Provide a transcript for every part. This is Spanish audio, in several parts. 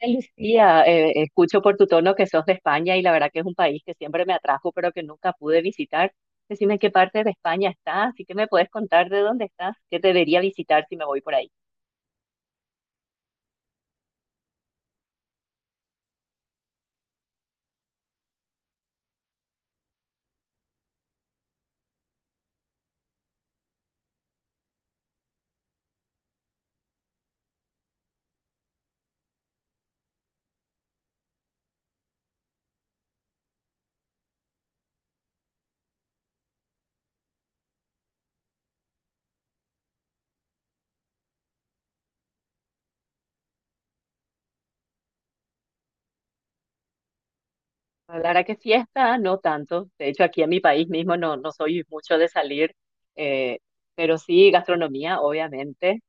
Lucía, escucho por tu tono que sos de España y la verdad que es un país que siempre me atrajo, pero que nunca pude visitar. Decime en qué parte de España estás y qué me puedes contar de dónde estás, qué debería visitar si me voy por ahí. La verdad que fiesta, no tanto. De hecho, aquí en mi país mismo no, no soy mucho de salir, eh, pero sí gastronomía, obviamente,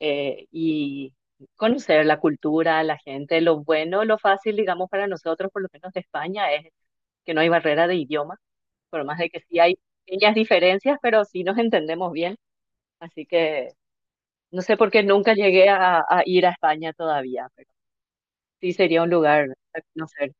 y conocer la cultura, la gente, lo bueno, lo fácil, digamos, para nosotros, por lo menos de España, es que no hay barrera de idioma por más de que sí hay pequeñas diferencias, pero sí nos entendemos bien. Así que no sé por qué nunca llegué a ir a España todavía, pero sí sería un lugar a conocer.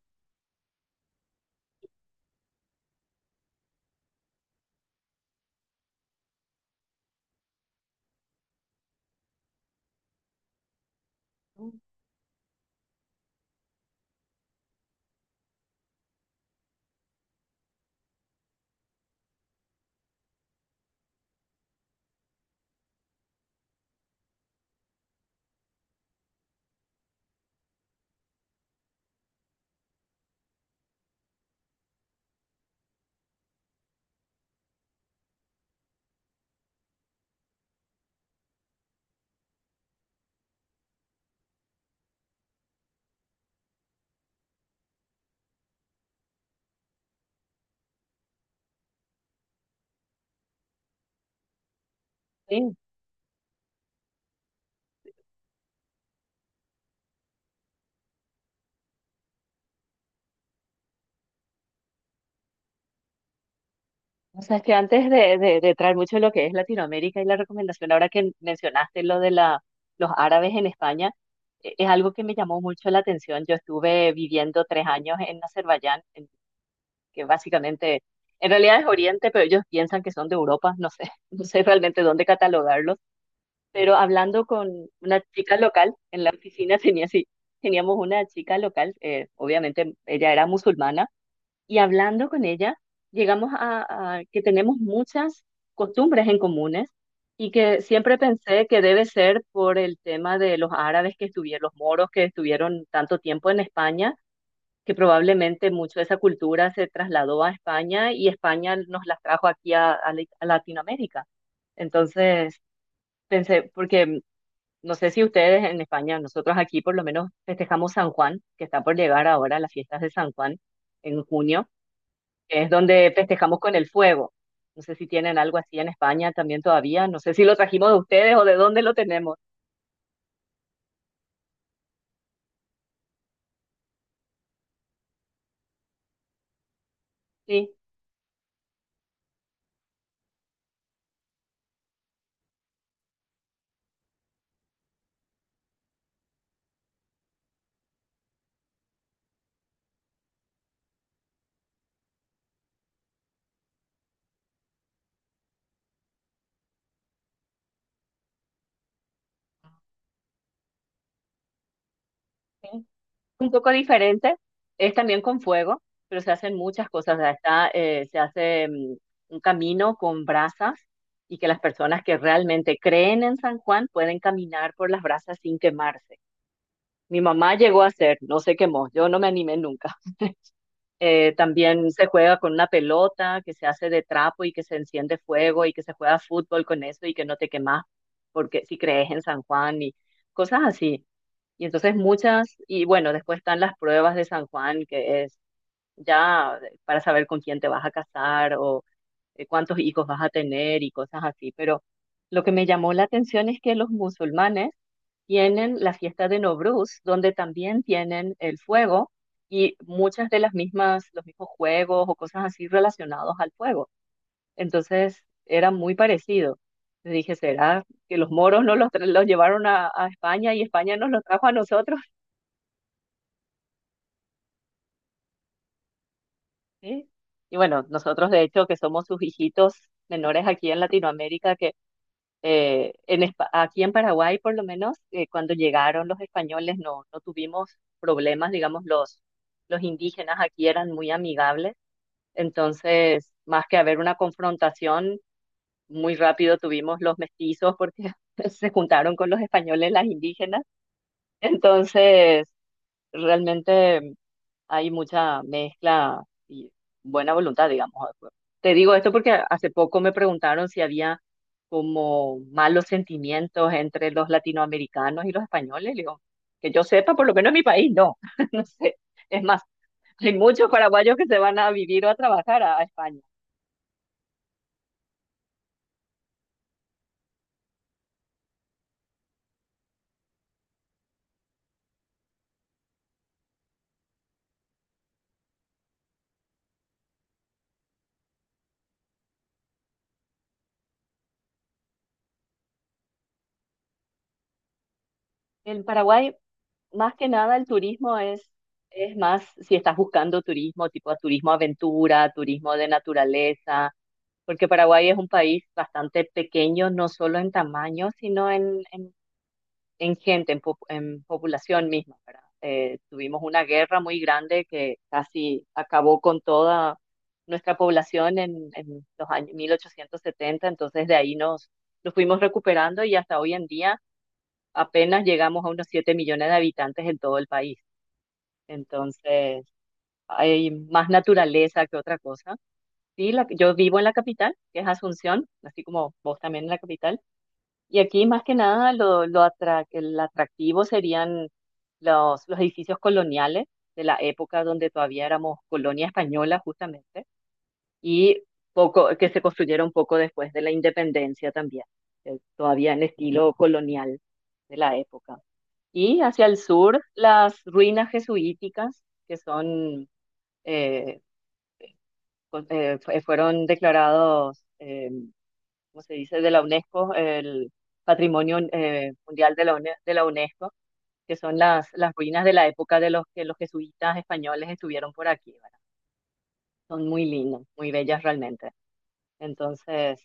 Sí. O sea, es que antes de traer mucho lo que es Latinoamérica y la recomendación, ahora que mencionaste lo de la, los árabes en España, es algo que me llamó mucho la atención. Yo estuve viviendo 3 años en Azerbaiyán, que básicamente, en realidad es Oriente, pero ellos piensan que son de Europa, no sé, no sé realmente dónde catalogarlos, pero hablando con una chica local en la oficina, tenía así, teníamos una chica local, obviamente ella era musulmana, y hablando con ella, llegamos a que tenemos muchas costumbres en comunes y que siempre pensé que debe ser por el tema de los árabes que estuvieron, los moros que estuvieron tanto tiempo en España, que probablemente mucho de esa cultura se trasladó a España y España nos las trajo aquí a Latinoamérica. Entonces, pensé, porque no sé si ustedes en España, nosotros aquí por lo menos festejamos San Juan, que está por llegar ahora las fiestas de San Juan en junio, que es donde festejamos con el fuego. No sé si tienen algo así en España también todavía, no sé si lo trajimos de ustedes o de dónde lo tenemos. Sí, sí. Un poco diferente, es también con fuego, pero se hacen muchas cosas. O sea, está, se hace un camino con brasas y que las personas que realmente creen en San Juan pueden caminar por las brasas sin quemarse. Mi mamá llegó a hacer, no se quemó, yo no me animé nunca. También se juega con una pelota que se hace de trapo y que se enciende fuego y que se juega fútbol con eso y que no te quemas, porque si crees en San Juan y cosas así. Y entonces y bueno, después están las pruebas de San Juan, que es ya para saber con quién te vas a casar o cuántos hijos vas a tener y cosas así, pero lo que me llamó la atención es que los musulmanes tienen la fiesta de Novruz, donde también tienen el fuego y muchas de las mismas, los mismos juegos o cosas así relacionados al fuego. Entonces era muy parecido. Le dije, ¿será que los moros no los, los llevaron a España y España nos los trajo a nosotros? ¿Sí? Y bueno, nosotros de hecho que somos sus hijitos menores aquí en Latinoamérica, que aquí en Paraguay, por lo menos, cuando llegaron los españoles no, no tuvimos problemas, digamos, los indígenas aquí eran muy amigables, entonces, más que haber una confrontación, muy rápido tuvimos los mestizos porque se juntaron con los españoles las indígenas, entonces, realmente hay mucha mezcla y buena voluntad, digamos. Te digo esto porque hace poco me preguntaron si había como malos sentimientos entre los latinoamericanos y los españoles. Le digo, que yo sepa, por lo menos en mi país, no. No sé. Es más, hay muchos paraguayos que se van a vivir o a trabajar a España. En Paraguay más que nada el turismo es más si estás buscando turismo, tipo turismo aventura, turismo de naturaleza, porque Paraguay es un país bastante pequeño, no solo en tamaño, sino en gente, en, en población misma, ¿verdad? Tuvimos una guerra muy grande que casi acabó con toda nuestra población en los años 1870, entonces de ahí nos fuimos recuperando y hasta hoy en día apenas llegamos a unos 7 millones de habitantes en todo el país. Entonces, hay más naturaleza que otra cosa. Sí, yo vivo en la capital, que es Asunción, así como vos también en la capital. Y aquí más que nada el atractivo serían los edificios coloniales de la época donde todavía éramos colonia española justamente y poco que se construyeron poco después de la independencia también, todavía en estilo colonial de la época. Y hacia el sur, las ruinas jesuíticas, que son eh, fueron declarados, ¿cómo se dice?, de la UNESCO, el Patrimonio Mundial UNE- de la UNESCO, que son las ruinas de la época de los que los jesuitas españoles estuvieron por aquí, ¿verdad? Son muy lindas, muy bellas realmente. Entonces,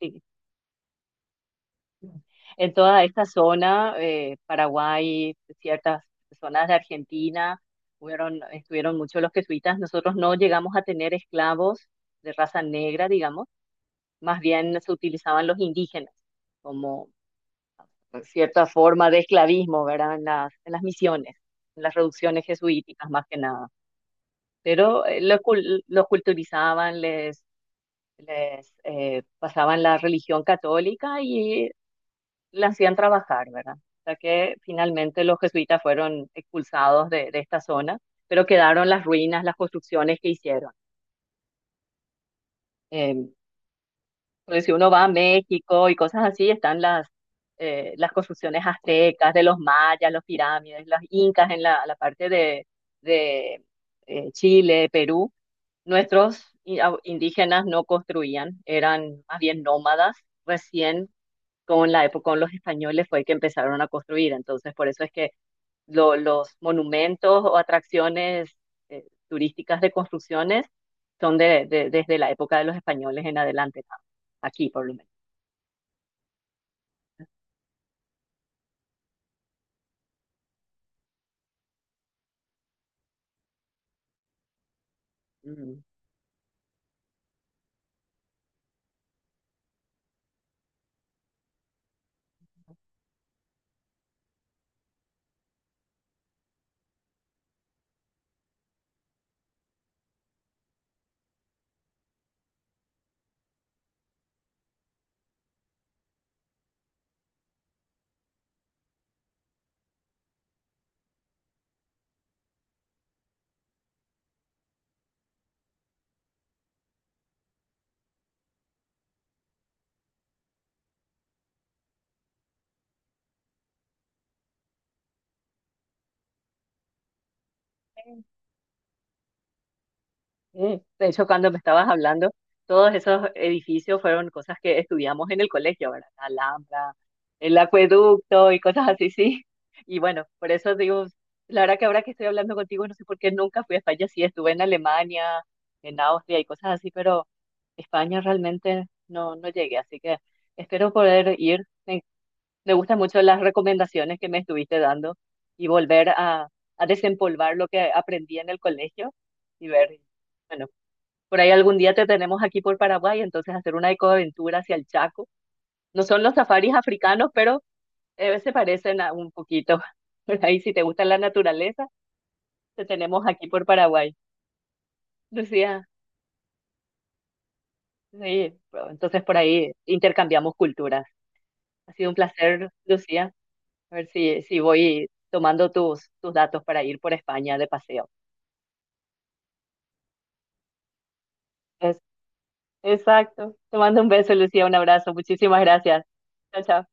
sí. En toda esta zona, Paraguay, ciertas zonas de Argentina, estuvieron muchos los jesuitas. Nosotros no llegamos a tener esclavos de raza negra, digamos, más bien se utilizaban los indígenas como cierta forma de esclavismo, ¿verdad? En las misiones, en las reducciones jesuíticas más que nada. Pero los culturizaban, les pasaban la religión católica y la hacían trabajar, ¿verdad? O sea que finalmente los jesuitas fueron expulsados de esta zona, pero quedaron las ruinas, las construcciones que hicieron. Eh, Pues si uno va a México y cosas así, están las construcciones aztecas, de los mayas, los pirámides, las incas en la, la parte de, Chile, Perú. Nuestros indígenas no construían, eran más bien nómadas. Recién con la época, con los españoles fue que empezaron a construir. Entonces, por eso es que los monumentos o atracciones turísticas de construcciones son desde la época de los españoles en adelante, ¿no? Aquí por lo menos. Ujú. De hecho, cuando me estabas hablando, todos esos edificios fueron cosas que estudiamos en el colegio, ¿verdad? La Alhambra, el acueducto y cosas así, sí. Y bueno, por eso digo, la verdad que ahora que estoy hablando contigo, no sé por qué nunca fui a España, sí, estuve en Alemania, en Austria y cosas así, pero España realmente no, no llegué, así que espero poder ir. Me, me gustan mucho las recomendaciones que me estuviste dando y volver a desempolvar lo que aprendí en el colegio y ver. Bueno, por ahí algún día te tenemos aquí por Paraguay, entonces hacer una ecoaventura hacia el Chaco. No son los safaris africanos, pero se parecen a un poquito. Por ahí, si te gusta la naturaleza, te tenemos aquí por Paraguay. Lucía, sí, pero entonces por ahí intercambiamos culturas. Ha sido un placer, Lucía. A ver si, si voy tomando tus datos para ir por España de paseo. Es- exacto. Te mando un beso, Lucía, un abrazo. Muchísimas gracias. Chao, chao.